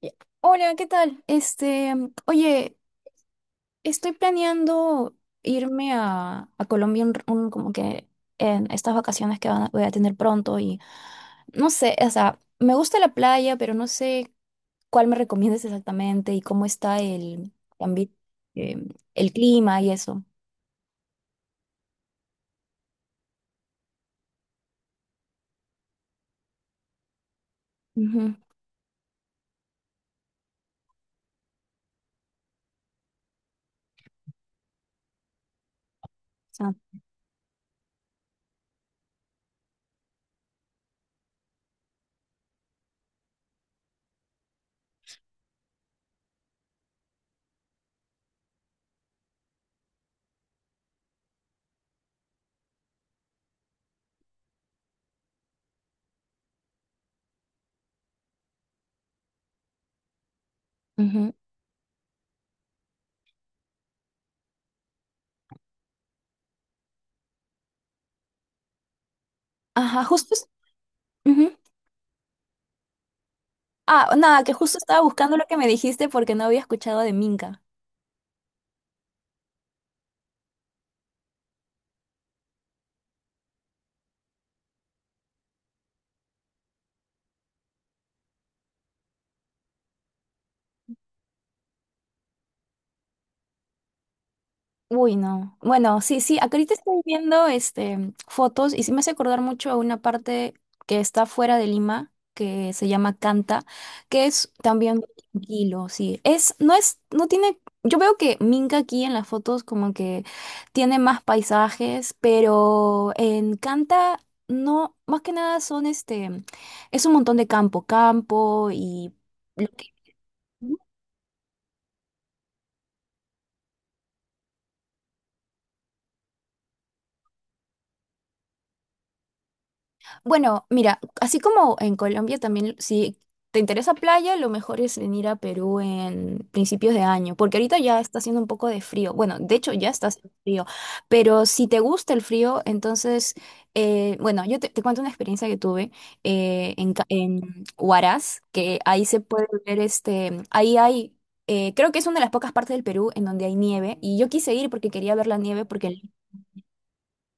Ya. Hola, ¿qué tal? Este, oye, estoy planeando irme a Colombia, como que en estas vacaciones que voy a tener pronto. Y no sé, o sea, me gusta la playa, pero no sé cuál me recomiendas exactamente y cómo está ambi- eh, el clima y eso. Ujú, ah, ujú. Ajá, justo. Ujú. Ah, nada, que justo estaba buscando lo que me dijiste porque no había escuchado de Minca. Uy, no. Bueno, sí, sí, acá ahorita estoy viendo fotos, y sí me hace acordar mucho a una parte que está fuera de Lima, que se llama Canta, que es también tranquilo, sí. Es, no tiene, yo veo que Minca aquí en las fotos como que tiene más paisajes, pero en Canta no, más que nada son es un montón de campo, campo y... lo que- Bueno, mira, así como en Colombia también, si te interesa playa, lo mejor es venir a Perú en principios de año, porque ahorita ya está haciendo un poco de frío. Bueno, de hecho ya está haciendo frío, pero si te gusta el frío, entonces bueno, yo te cuento una experiencia que tuve en Huaraz, que ahí se puede ver ahí hay... creo que es una de las pocas partes del Perú en donde hay nieve, y yo quise ir porque quería ver la nieve porque...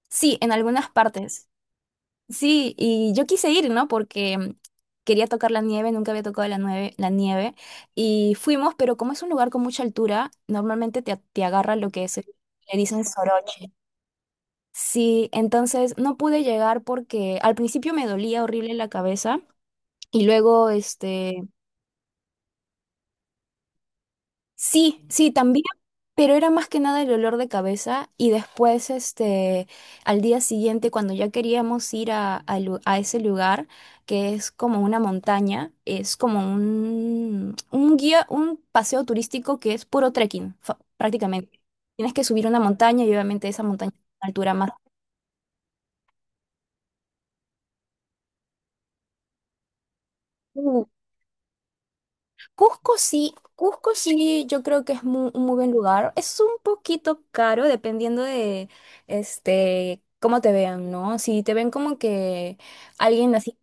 Sí, en algunas partes. Sí, y yo quise ir, ¿no? Porque quería tocar la nieve, nunca había tocado la nieve, la nieve. Y fuimos, pero como es un lugar con mucha altura, normalmente te agarra lo que es, le dicen soroche. Sí, entonces no pude llegar porque al principio me dolía horrible la cabeza y luego sí, sí, también, pero era más que nada el olor de cabeza. Y después, al día siguiente, cuando ya queríamos ir a ese lugar, que es como una montaña, es como un guía, un paseo turístico que es puro trekking, prácticamente. Tienes que subir una montaña, y obviamente esa montaña es una altura más. uh, Cusco sí, yo creo que es un muy buen lugar. Es un poquito caro dependiendo de, cómo te vean, ¿no? Si te ven como que alguien así,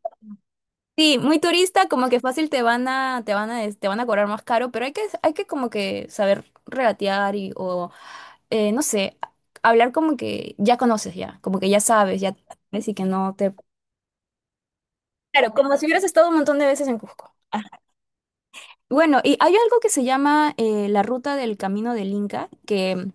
sí, muy turista, como que fácil te van a, des- te van a cobrar más caro. Pero hay que como que saber regatear y, o, no sé, hablar como que ya conoces ya, como que ya, sabes y que no te... Claro, como si hubieras estado un montón de veces en Cusco. Bueno, y hay algo que se llama la ruta del Camino del Inca, que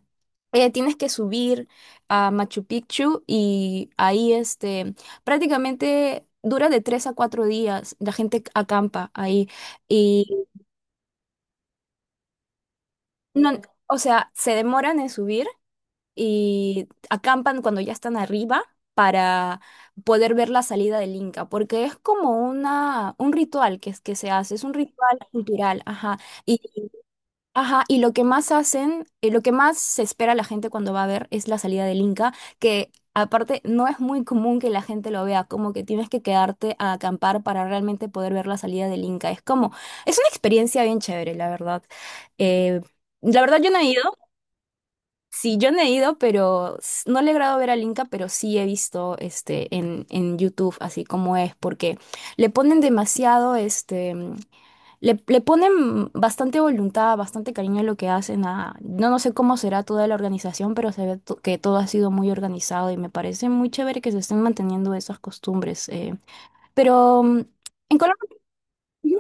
tienes que subir a Machu Picchu, y ahí prácticamente dura de 3 a 4 días. La gente acampa ahí y... No, o sea, se demoran en subir y acampan cuando ya están arriba para poder ver la salida del Inca, porque es como un ritual que, que se hace, es un ritual cultural, ajá. Ajá, y lo que más hacen, lo que más se espera la gente cuando va a ver es la salida del Inca, que aparte no es muy común que la gente lo vea, como que tienes que quedarte a acampar para realmente poder ver la salida del Inca. Es como, es una experiencia bien chévere, la verdad. Eh, la verdad yo no he ido, sí, yo no he ido, pero no le he logrado ver al Inca, pero sí he visto en YouTube así como es, porque le ponen demasiado. Le ponen bastante voluntad, bastante cariño a lo que hacen. No, no sé cómo será toda la organización, pero se ve que todo ha sido muy organizado, y me parece muy chévere que se estén manteniendo esas costumbres. Pero en Colombia, sí.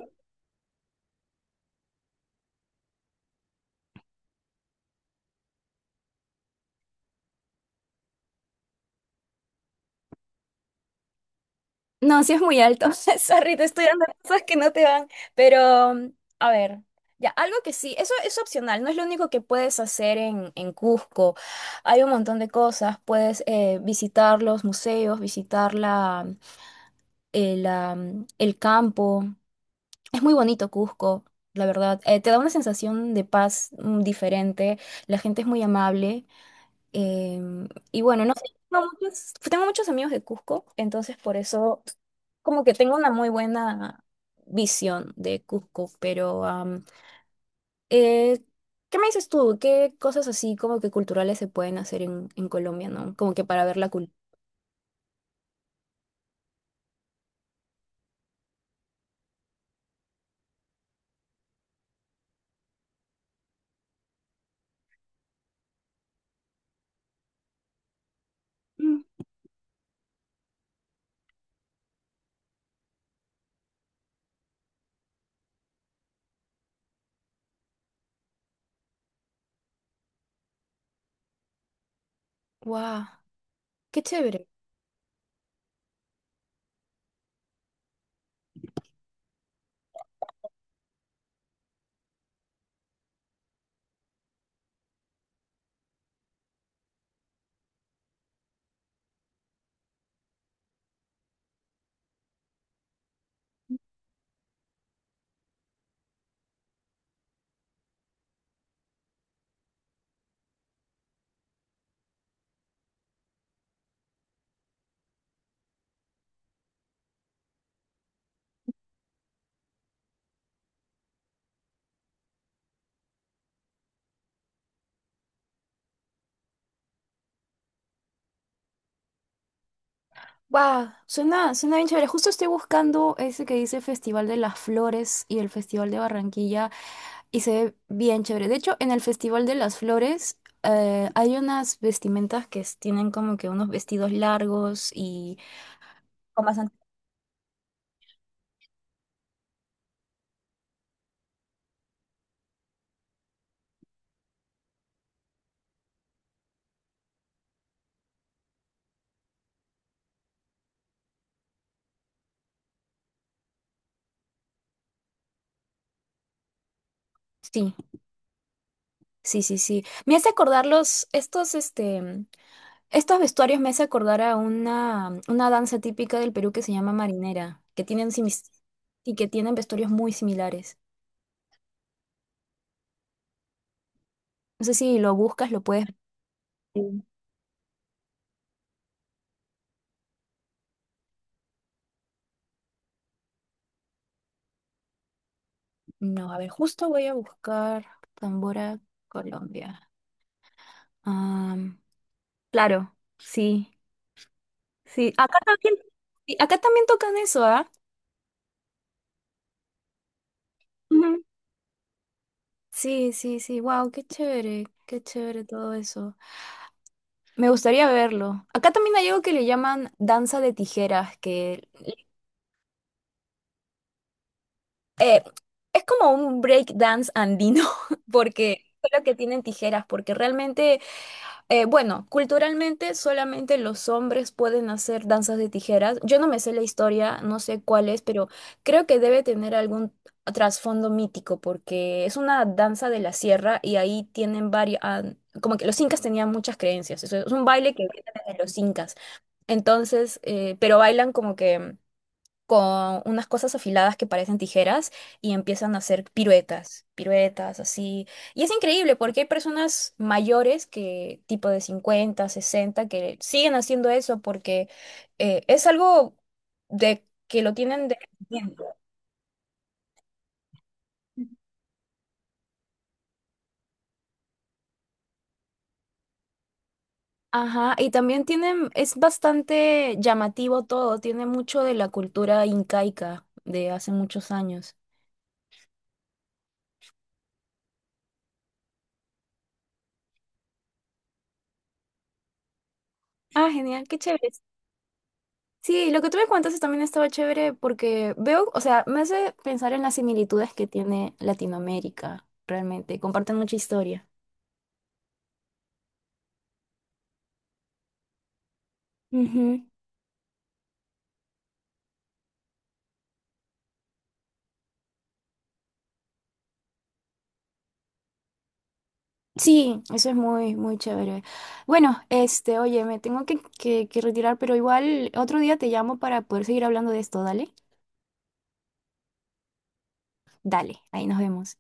No, sí es muy alto. Sorry, te estoy dando cosas que no te van. Pero, a ver, ya, algo que sí, eso es opcional, no es lo único que puedes hacer en Cusco. Hay un montón de cosas. Puedes visitar los museos, visitar el campo. Es muy bonito Cusco, la verdad. Te da una sensación de paz diferente. La gente es muy amable. Y bueno, no sé, tengo muchos amigos de Cusco, entonces por eso como que tengo una muy buena visión de Cusco. Pero eh, ¿qué me dices tú? ¿Qué cosas así como que culturales se pueden hacer en Colombia, ¿no? Como que para ver la cultura. ¡Guau! ¡Qué chévere! Wow, suena bien chévere. Justo estoy buscando ese que dice Festival de las Flores y el Festival de Barranquilla, y se ve bien chévere. De hecho, en el Festival de las Flores hay unas vestimentas que tienen como que unos vestidos largos y con bastante... Sí, sí, sí, sí. Me hace acordar estos vestuarios, me hace acordar a una danza típica del Perú que se llama marinera, que tienen y que tienen vestuarios muy similares. No sé si lo buscas, lo puedes... Ver. No, a ver, justo voy a buscar Tambora, Colombia. Am, claro, sí, sí. Acá también, sí, acá también tocan eso, ¿ah? Ujú. Sí, sí, sí. Wow, qué chévere todo eso. Me gustaría verlo. Acá también hay algo que le llaman danza de tijeras, que es como un break dance andino, porque es lo que tienen tijeras, porque realmente... Bueno, culturalmente solamente los hombres pueden hacer danzas de tijeras. Yo no me sé la historia, no sé cuál es, pero creo que debe tener algún trasfondo mítico, porque es una danza de la sierra y ahí tienen varias, como que los incas tenían muchas creencias. Eso es un baile que viene de los incas. Entonces, pero bailan como que con unas cosas afiladas que parecen tijeras y empiezan a hacer piruetas, piruetas así. Y es increíble porque hay personas mayores que tipo de 50, 60 que siguen haciendo eso, porque es algo de que lo tienen de... nacimiento. Ajá, y también tienen, es bastante llamativo todo, tiene mucho de la cultura incaica de hace muchos años. Ah, genial, qué chévere. Sí, lo que tú me contaste también estaba chévere, porque veo, o sea, me hace pensar en las similitudes que tiene Latinoamérica, realmente. Comparten mucha historia. Ujú. Sí, eso es muy, muy chévere. Bueno, este, oye, me tengo que retirar, pero igual otro día te llamo para poder seguir hablando de esto, dale. Dale, ahí nos vemos.